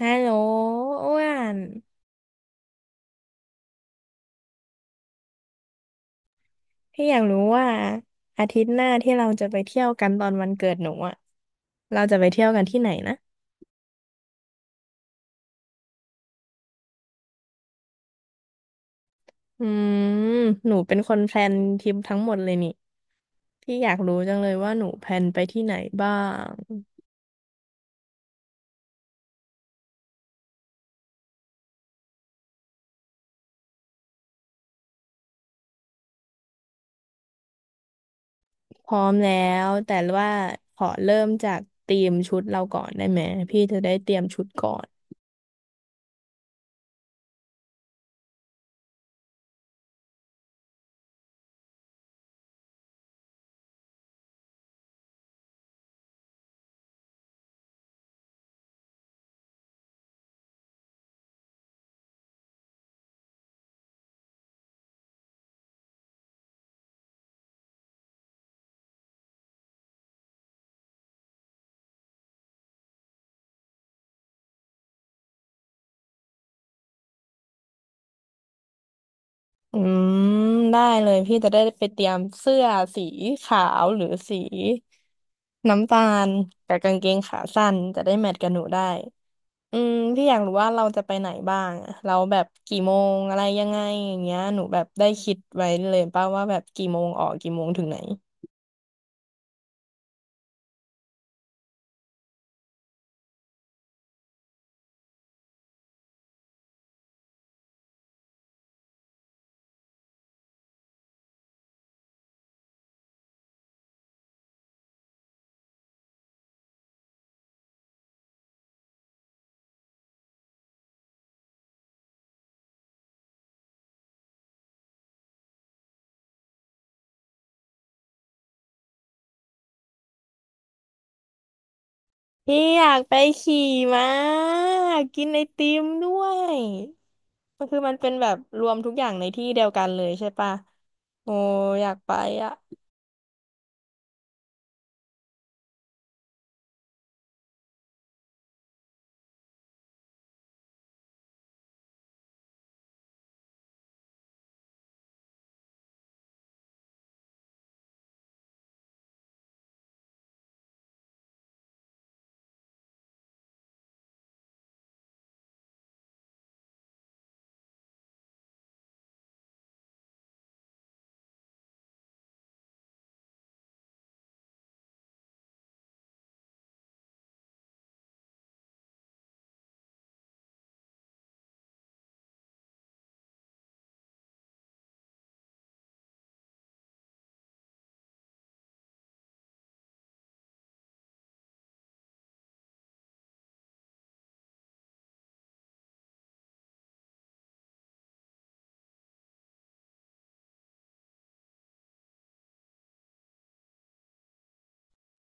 ฮัลโหลอ้วนพี่อยากรู้ว่าอาทิตย์หน้าที่เราจะไปเที่ยวกันตอนวันเกิดหนูอ่ะเราจะไปเที่ยวกันที่ไหนนะอืมหนูเป็นคนแพลนทริปทั้งหมดเลยนี่พี่อยากรู้จังเลยว่าหนูแพลนไปที่ไหนบ้างพร้อมแล้วแต่ว่าขอเริ่มจากธีมชุดเราก่อนได้ไหมพี่จะได้เตรียมชุดก่อน อืมได้เลยพี่จะได้ไปเตรียมเสื้อสีขาวหรือสีน้ำตาลกับกางเกงขาสั้นจะได้แมทกับหนูได้พี่อยากรู้ว่าเราจะไปไหนบ้างอะเราแบบกี่โมงอะไรยังไงอย่างเงี้ยหนูแบบได้คิดไว้เลยป่ะว่าแบบกี่โมงออกกี่โมงถึงไหนพี่อยากไปขี่ม้ากินไอติมด้วยก็คือมันเป็นแบบรวมทุกอย่างในที่เดียวกันเลยใช่ปะโอ้อยากไปอ่ะ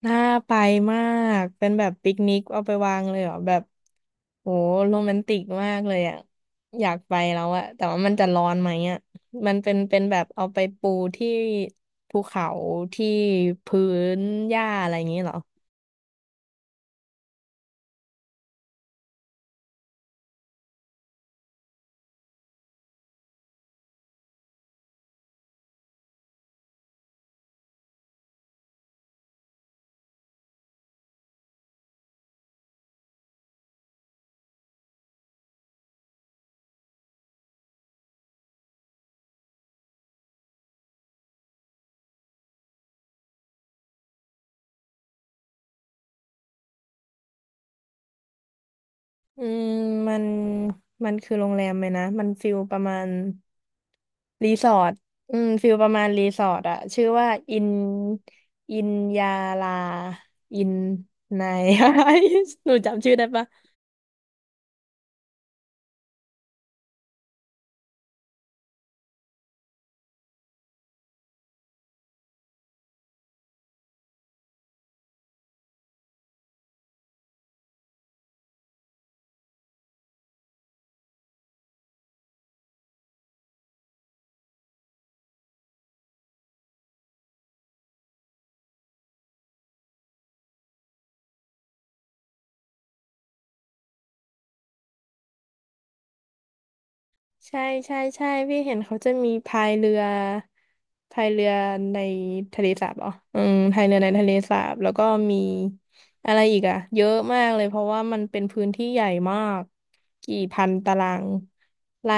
น่าไปมาก เป็นแบบปิกนิกเอาไปวางเลยเหรอแบบโหโรแมนติกมากเลยอ่ะอยากไปแล้วอะแต่ว่ามันจะร้อนไหมอะมันเป็นแบบเอาไปปูที่ภูเขาที่พื้นหญ้าอะไรอย่างนี้เหรออืมมันมันคือโรงแรมไหมนะมันฟิลประมาณรีสอร์ทอืมฟิลประมาณรีสอร์ทอะชื่อว่าอินอินยาลาอินนาย หนูจำชื่อได้ปะ ใช่ใช่ใช่พี่เห็นเขาจะมีพายเรือพายเรือในทะเลสาบเหรออืมพายเรือในทะเลสาบแล้วก็มีอะไรอีกอะเยอะมากเลยเพราะว่ามันเป็นพื้นที่ใหญ่มากกี่พันตารางไร่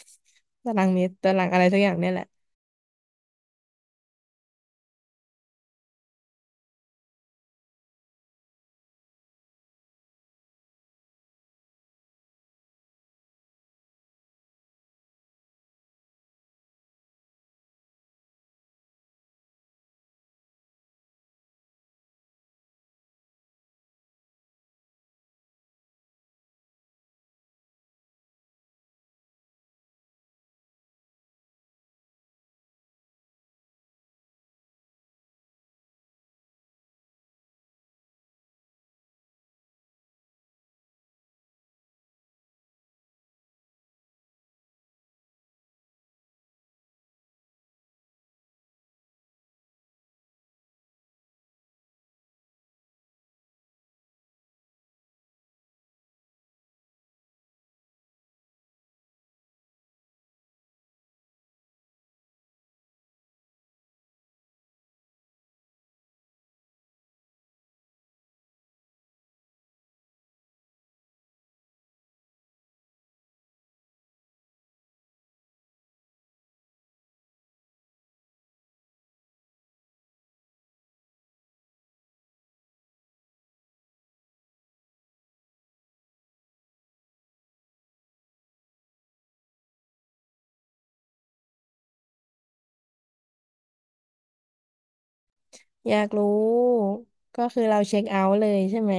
ตารางเมตรตารางอะไรสักอย่างเนี่ยแหละ อยากรู้ ก็คือเราเช็คเอาท์เลยใช่ไหม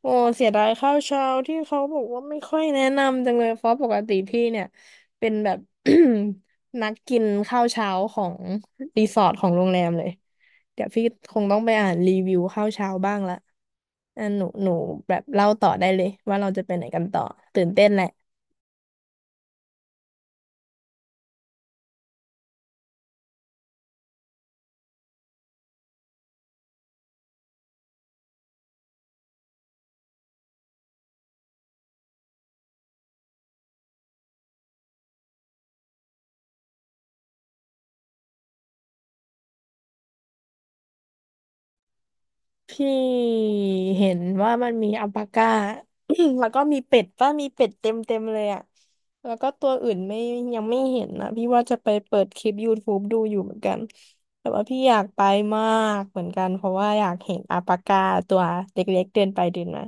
โอ้เสียดายข้าวเช้าที่เขาบอกว่าไม่ค่อยแนะนำจังเลยเพราะปกติพี่เนี่ยเป็นแบบ นักกินข้าวเช้าของรีสอร์ทของโรงแรมเลยเดี๋ยวพี่คงต้องไปอ่านรีวิวข้าวเช้าบ้างละอ่ะหนูแบบเล่าต่อได้เลยว่าเราจะไปไหนกันต่อตื่นเต้นแหละ พี่เห็นว่ามันมีอัลปาก้า แล้วก็มีเป็ดป่ะมีเป็ดเต็มเลยอ่ะแล้วก็ตัวอื่นไม่ยังไม่เห็นนะพี่ว่าจะไปเปิดคลิปยูทูบ e ดูอยู่เหมือนกันแต่ว่าพี่อยากไปมากเหมือนกันเพราะว่าอยากเห็นอัลปาก้าตัวเล็กๆเดินไปเดินมา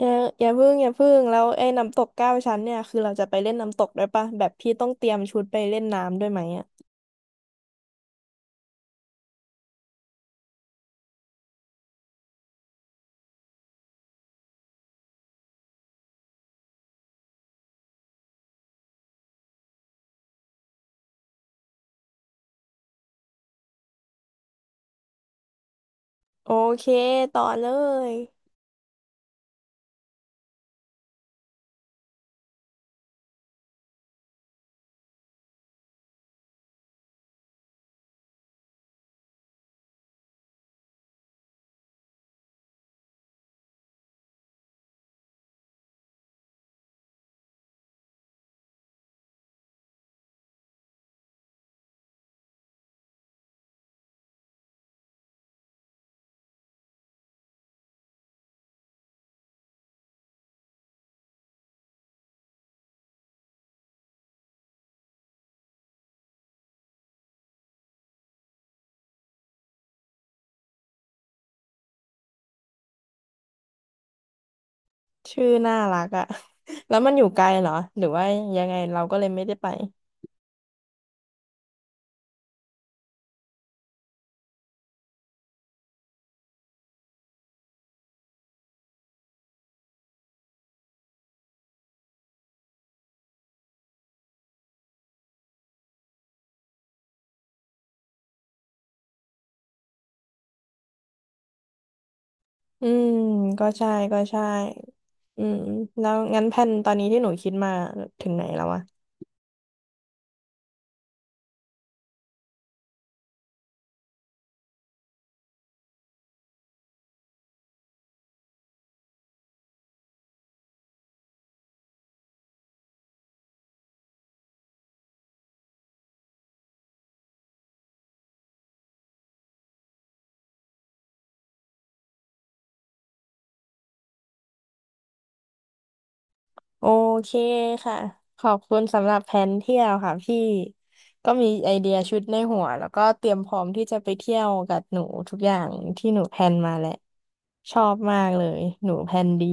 อย่าอย่าพึ่งแล้วไอ้น้ำตกเก้าชั้นเนี่ยคือเราจะไปเล่นน้ำตกด้วยป่ะแบบพี่ต้องเตรียมชุดไปเล่นน้ำด้วยไหมอ่ะโอเคต่อเลย ชื่อน่ารักอะ แล้วมันอยู่ไกลเหรอ หรือว่ายังไงเราก็เลยไม่ได้ไป อืม ก็ใช่ก็ใช่อืมแล้วงั้นแผนตอนนี้ที่หนูคิดมาถึงไหนแล้ววะ โอเคค่ะ ขอบคุณสำหรับแผนเที่ยวค่ะพี่ ก็มีไอเดียชุดในหัวแล้วก็เตรียมพร้อมที่จะไปเที่ยวกับหนูทุกอย่างที่หนูแพลนมาแหละชอบมากเลย หนูแพลนดี